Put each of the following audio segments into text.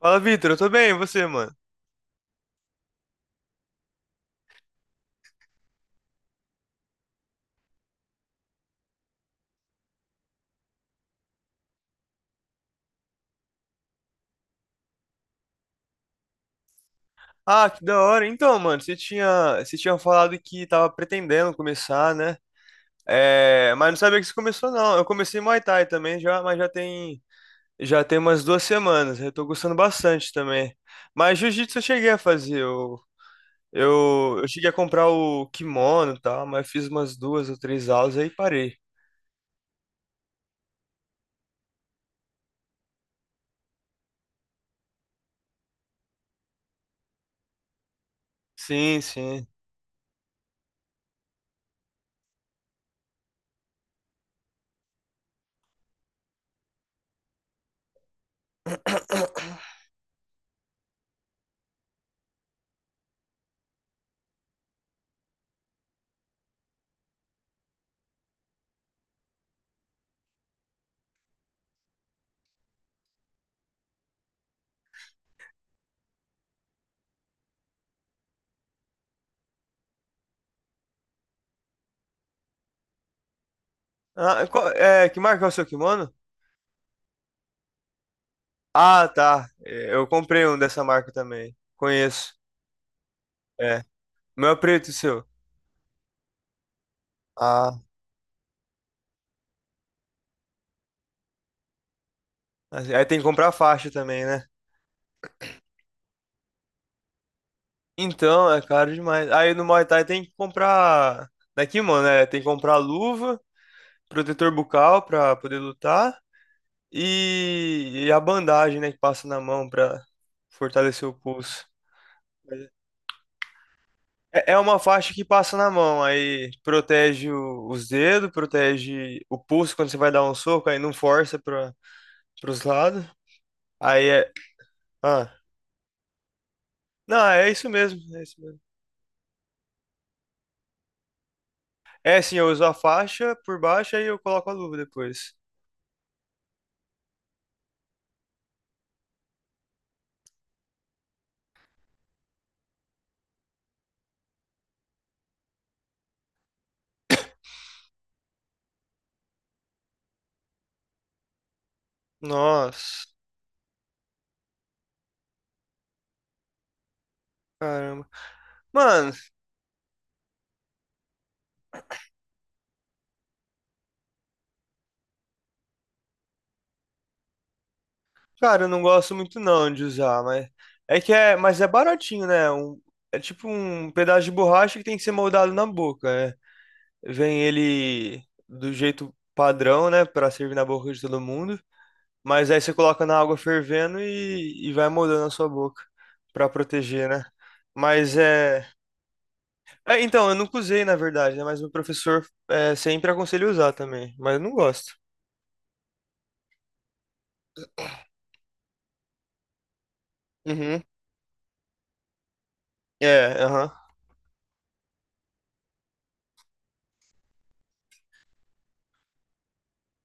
Fala, Vitor, eu tô bem, e você, mano? Ah, que da hora. Então, mano, você tinha falado que tava pretendendo começar, né? É, mas não sabia que você começou, não. Eu comecei Muay Thai também já, mas já tem umas 2 semanas. Eu tô gostando bastante também. Mas Jiu-Jitsu eu cheguei a fazer. Eu cheguei a comprar o kimono e tal, mas fiz umas duas ou três aulas aí parei. Sim, sim. Ah, é, que marca é o seu kimono? Ah, tá. É, eu comprei um dessa marca também. Conheço. O meu é preto, e o seu? Ah, assim, aí tem que comprar faixa também, né? Então, é caro demais. Aí no Muay Thai tem que comprar. Daqui, mano, tem que comprar luva, protetor bucal pra poder lutar e, a bandagem, né, que passa na mão pra fortalecer o pulso. É uma faixa que passa na mão, aí protege os dedos, protege o pulso quando você vai dar um soco, aí não força pra, pros lados. Aí é. Ah, não, é isso mesmo. É isso mesmo. É, sim, eu uso a faixa por baixo e eu coloco a luva depois. Nossa, caramba. Mano, cara, eu não gosto muito não de usar, mas é que é, mas é baratinho, né? É tipo um pedaço de borracha que tem que ser moldado na boca, né? Vem ele do jeito padrão, né, pra servir na boca de todo mundo, mas aí você coloca na água fervendo e, vai moldando a sua boca pra proteger, né? Mas é É, então, eu nunca usei, na verdade, né? Mas meu professor sempre aconselha a usar também. Mas eu não gosto. Uhum. É, aham.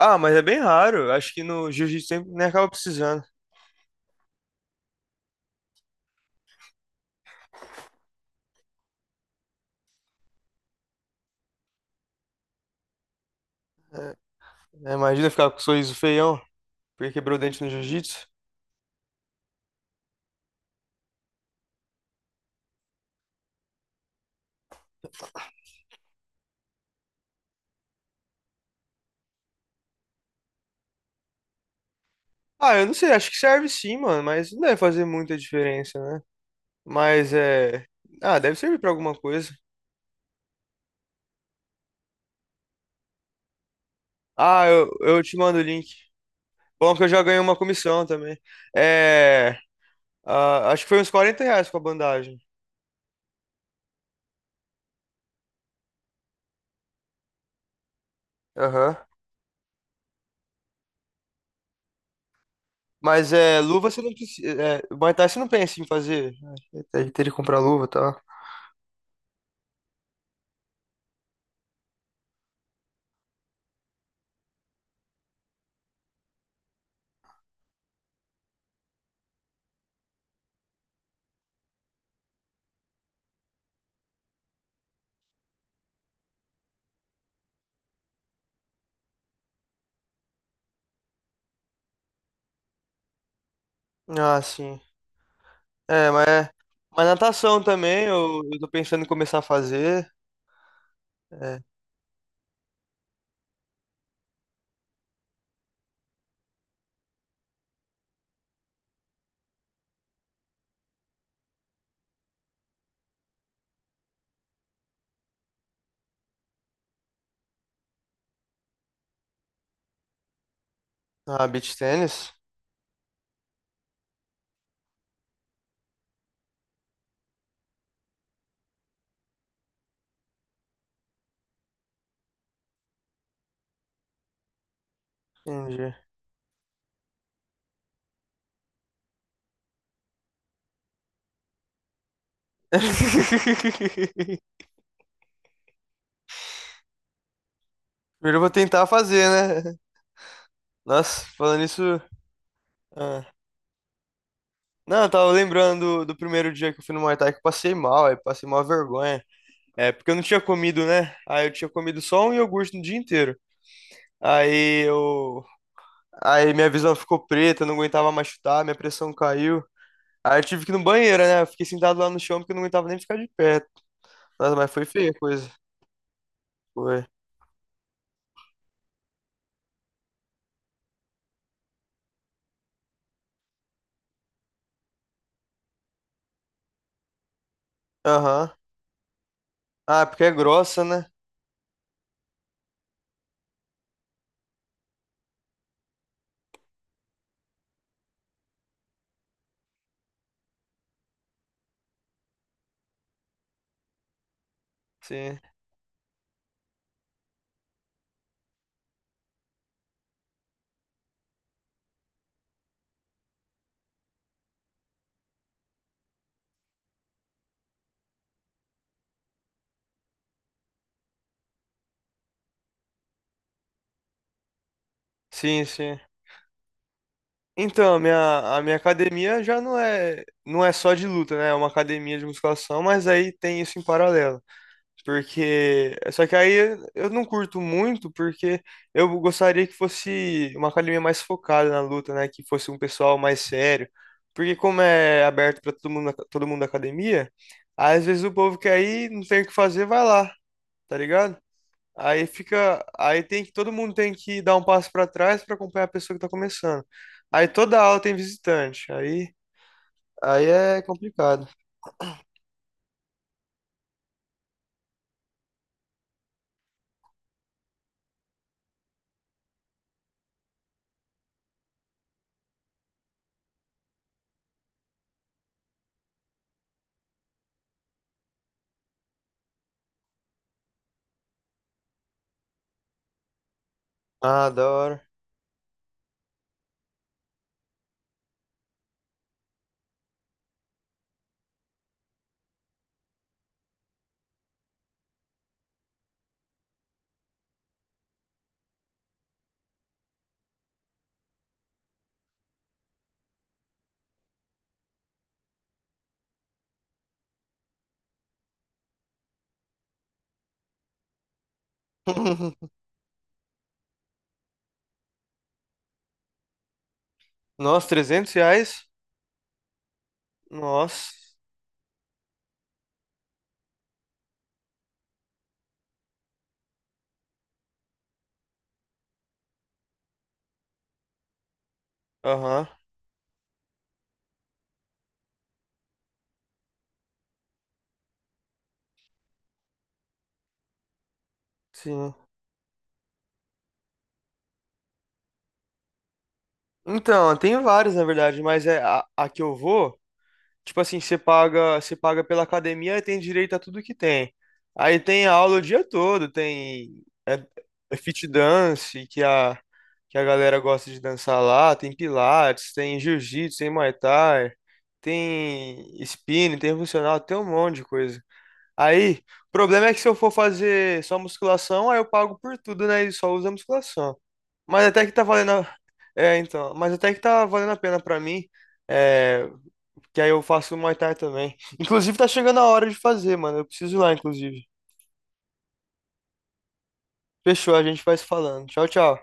Ah, mas é bem raro. Acho que no jiu-jitsu sempre nem acaba precisando. Né? Imagina ficar com o sorriso feião porque quebrou o dente no jiu-jitsu. Ah, eu não sei, acho que serve sim, mano, mas não deve fazer muita diferença, né? Mas é. Ah, deve servir pra alguma coisa. Ah, eu te mando o link. Bom, que eu já ganhei uma comissão também. É. Ah, acho que foi uns R$ 40 com a bandagem. Aham. Mas é, luva você não precisa. É, o Muay Thai você não pensa em fazer, né? Teria que comprar luva e tal. Ah, sim. É, mas, mas natação também, eu tô pensando em começar a fazer. É. Ah, beach tennis? Entendi. Primeiro eu vou tentar fazer, né? Nossa, falando isso. ah. Não, eu tava lembrando do primeiro dia que eu fui no Muay Thai que eu passei mal, aí passei mal vergonha. É, porque eu não tinha comido, né? Aí eu tinha comido só um iogurte no dia inteiro. Aí eu. Aí minha visão ficou preta, eu não aguentava mais chutar, minha pressão caiu. Aí eu tive que ir no banheiro, né? Eu fiquei sentado lá no chão porque eu não aguentava nem ficar de pé. Nossa, mas foi feia a coisa. Foi. Aham. Ah, porque é grossa, né? Sim. Sim, sim. Então, a minha academia já não é só de luta, né? É uma academia de musculação, mas aí tem isso em paralelo. Porque. Só que aí eu não curto muito, porque eu gostaria que fosse uma academia mais focada na luta, né? Que fosse um pessoal mais sério. Porque como é aberto para todo mundo da academia, às vezes o povo quer ir, não tem o que fazer, vai lá, tá ligado? Aí fica. Aí tem que. Todo mundo tem que dar um passo para trás para acompanhar a pessoa que tá começando. Aí toda aula tem visitante. Aí, é complicado. Ah, da hora. Nossa, R$ 300? Nossa. Aham, sim. Então, tem vários, na verdade, mas é a que eu vou, tipo assim, você paga pela academia e tem direito a tudo que tem. Aí tem aula o dia todo, tem fit dance, que a galera gosta de dançar lá, tem pilates, tem jiu-jitsu, tem muay thai, tem spinning, tem funcional, tem um monte de coisa. Aí, o problema é que se eu for fazer só musculação, aí eu pago por tudo, né? E só usa musculação. Mas até que tá valendo. A- É, então. Mas até que tá valendo a pena pra mim. É, que aí eu faço o Muay Thai também. Inclusive, tá chegando a hora de fazer, mano. Eu preciso ir lá, inclusive. Fechou, a gente vai se falando. Tchau, tchau.